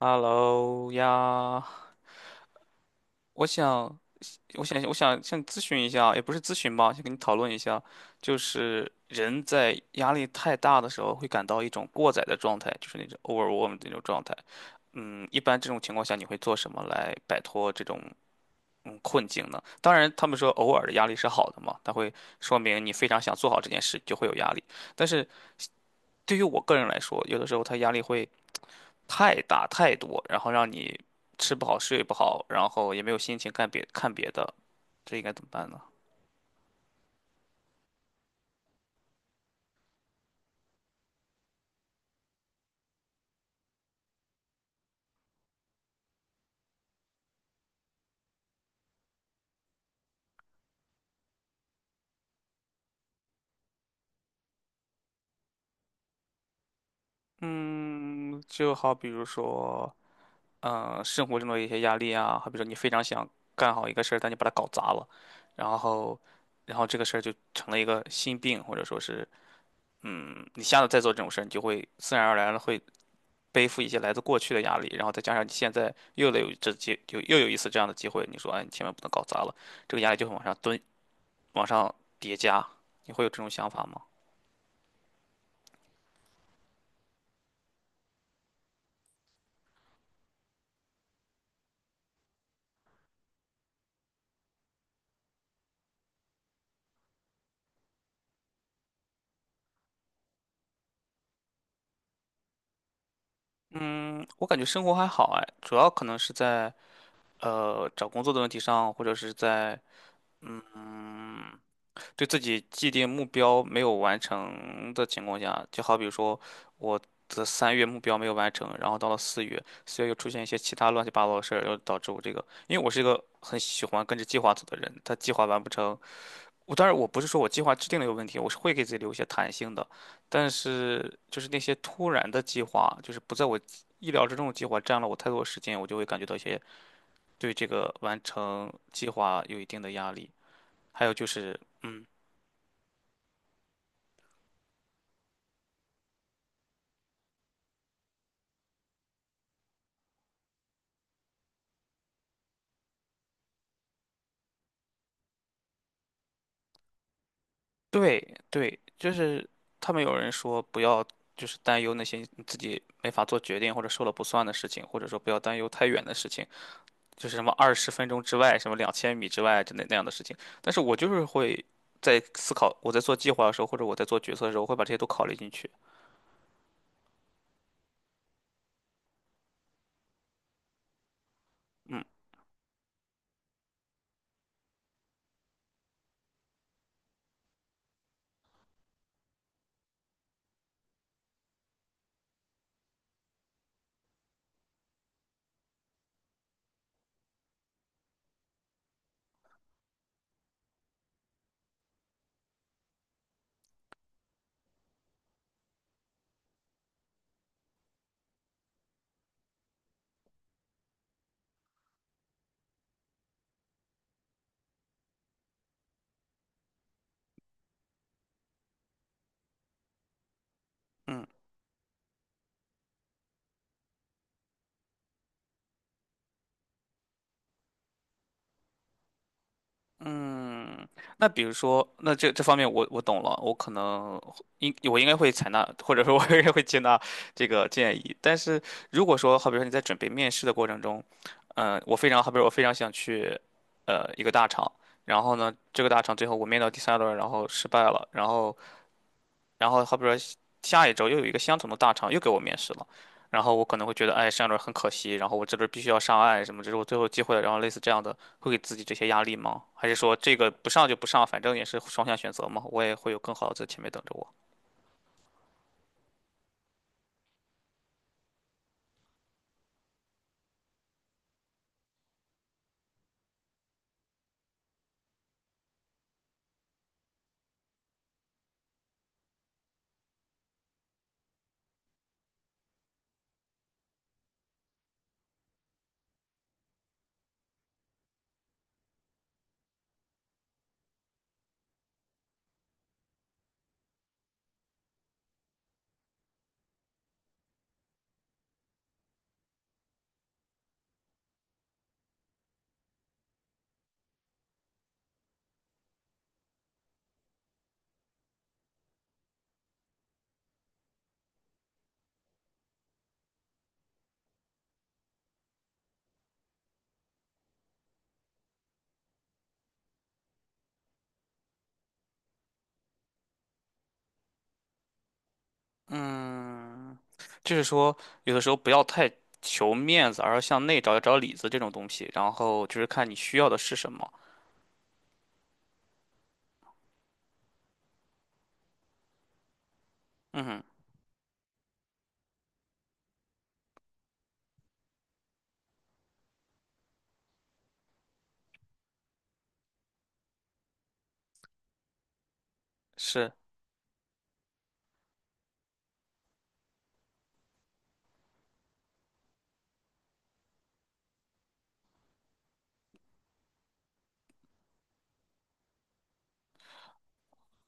Hello 呀，我想，我想向你咨询一下，也不是咨询吧，想跟你讨论一下，就是人在压力太大的时候会感到一种过载的状态，就是那种 overwhelm 那种状态。一般这种情况下你会做什么来摆脱这种困境呢？当然，他们说偶尔的压力是好的嘛，它会说明你非常想做好这件事，就会有压力。但是对于我个人来说，有的时候他压力会太大太多，然后让你吃不好睡不好，然后也没有心情干别看别的，这应该怎么办呢？嗯，就好比如说，生活中的一些压力啊，好比说你非常想干好一个事儿，但你把它搞砸了，然后，然后这个事儿就成了一个心病，或者说是，你下次再做这种事儿，你就会自然而然的会背负一些来自过去的压力，然后再加上你现在又有一次这样的机会，你说，哎，你千万不能搞砸了，这个压力就会往上堆往上叠加，你会有这种想法吗？嗯，我感觉生活还好哎，主要可能是在找工作的问题上，或者是在嗯对自己既定目标没有完成的情况下，就好比说我的3月目标没有完成，然后到了四月，四月又出现一些其他乱七八糟的事儿，又导致我这个，因为我是一个很喜欢跟着计划走的人，他计划完不成，当然我不是说我计划制定了有问题，我是会给自己留一些弹性的，但是就是那些突然的计划，就是不在我意料之中的计划占了我太多的时间，我就会感觉到一些对这个完成计划有一定的压力。还有就是，嗯，对对，就是他们有人说不要就是担忧那些你自己没法做决定或者说了不算的事情，或者说不要担忧太远的事情，就是什么20分钟之外，什么2000米之外之类那样的事情。但是我就是会在思考，我在做计划的时候，或者我在做决策的时候，我会把这些都考虑进去。嗯嗯嗯。那比如说，那这方面我懂了，我应该会采纳，或者说我应该会接纳这个建议。但是如果说，好比说你在准备面试的过程中，我非常好比说我非常想去，一个大厂。然后呢，这个大厂最后我面到第3轮，然后失败了，然后好比说下一周又有一个相同的大厂又给我面试了，然后我可能会觉得，哎，上一轮很可惜，然后我这轮必须要上岸，什么这是我最后机会了，然后类似这样的，会给自己这些压力吗？还是说这个不上就不上，反正也是双向选择嘛，我也会有更好的在前面等着我。嗯，就是说有的时候不要太求面子，而要向内找找里子这种东西，然后就是看你需要的是什么。嗯，是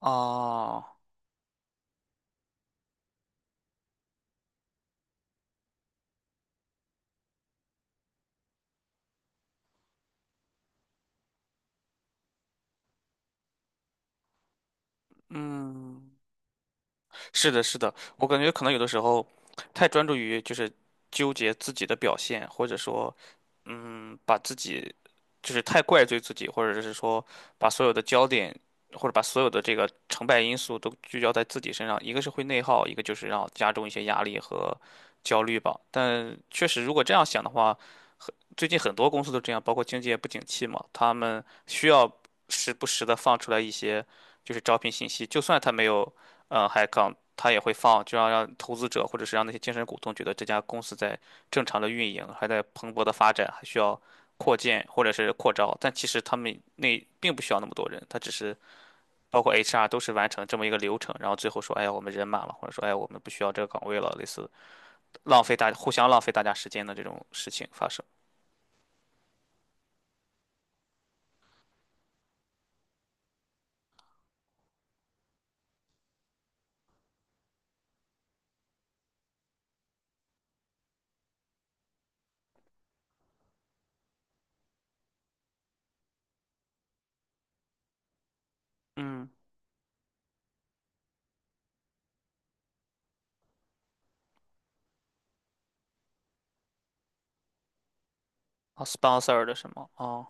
哦，嗯。是的，是的，我感觉可能有的时候太专注于就是纠结自己的表现，或者说，把自己就是太怪罪自己，或者是说把所有的焦点或者把所有的这个成败因素都聚焦在自己身上，一个是会内耗，一个就是让加重一些压力和焦虑吧。但确实，如果这样想的话，最近很多公司都这样，包括经济也不景气嘛，他们需要时不时的放出来一些就是招聘信息，就算他没有HEA 他也会放，就要让投资者或者是让那些精神股东觉得这家公司在正常的运营，还在蓬勃的发展，还需要扩建或者是扩招，但其实他们那并不需要那么多人，他只是包括 HR 都是完成这么一个流程，然后最后说，哎呀，我们人满了，或者说，哎呀，我们不需要这个岗位了，类似浪费大互相浪费大家时间的这种事情发生。嗯。啊，sponsor 的什么？哦，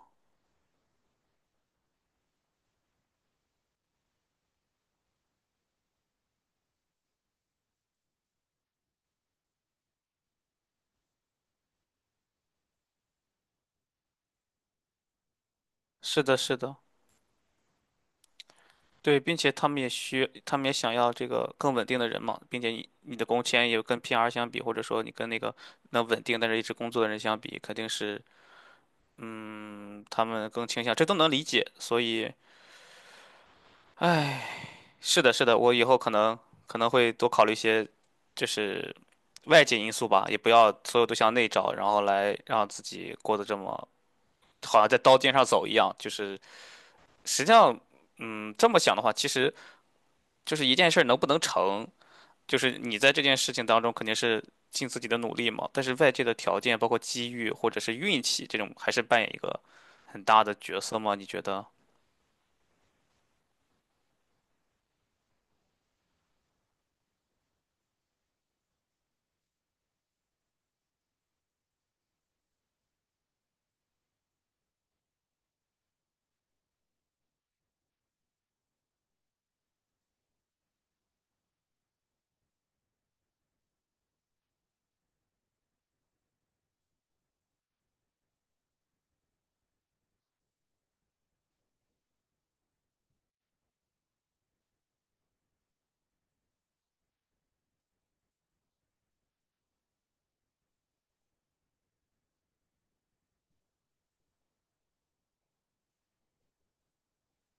是的，是的，对，并且他们也想要这个更稳定的人嘛，并且你的工签也跟 PR 相比，或者说你跟那个能稳定但是一直工作的人相比，肯定是嗯，他们更倾向，这都能理解。所以，哎，是的，是的，我以后可能会多考虑一些，就是外界因素吧，也不要所有都向内找，然后来让自己过得这么好像在刀尖上走一样，就是实际上。这么想的话，其实就是一件事儿能不能成，就是你在这件事情当中肯定是尽自己的努力嘛，但是外界的条件，包括机遇或者是运气，这种还是扮演一个很大的角色吗？你觉得？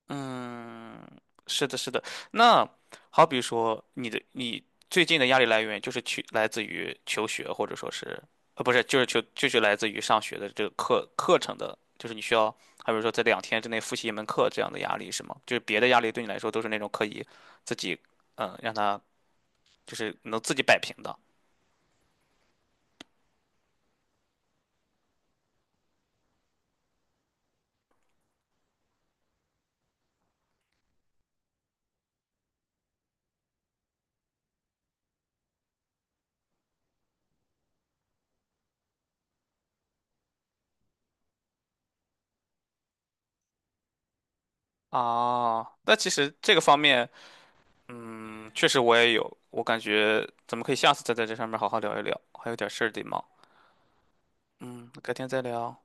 嗯，是的，是的。那好比说，你的你最近的压力来源就是去来自于求学，或者说是，不是，就是求就是来自于上学的这个课程的，就是你需要，好比说在2天之内复习一门课这样的压力是吗？就是别的压力对你来说都是那种可以自己，让他就是能自己摆平的。啊，那其实这个方面，确实我也有，我感觉咱们可以下次再在这上面好好聊一聊，还有点事儿得忙。嗯，改天再聊。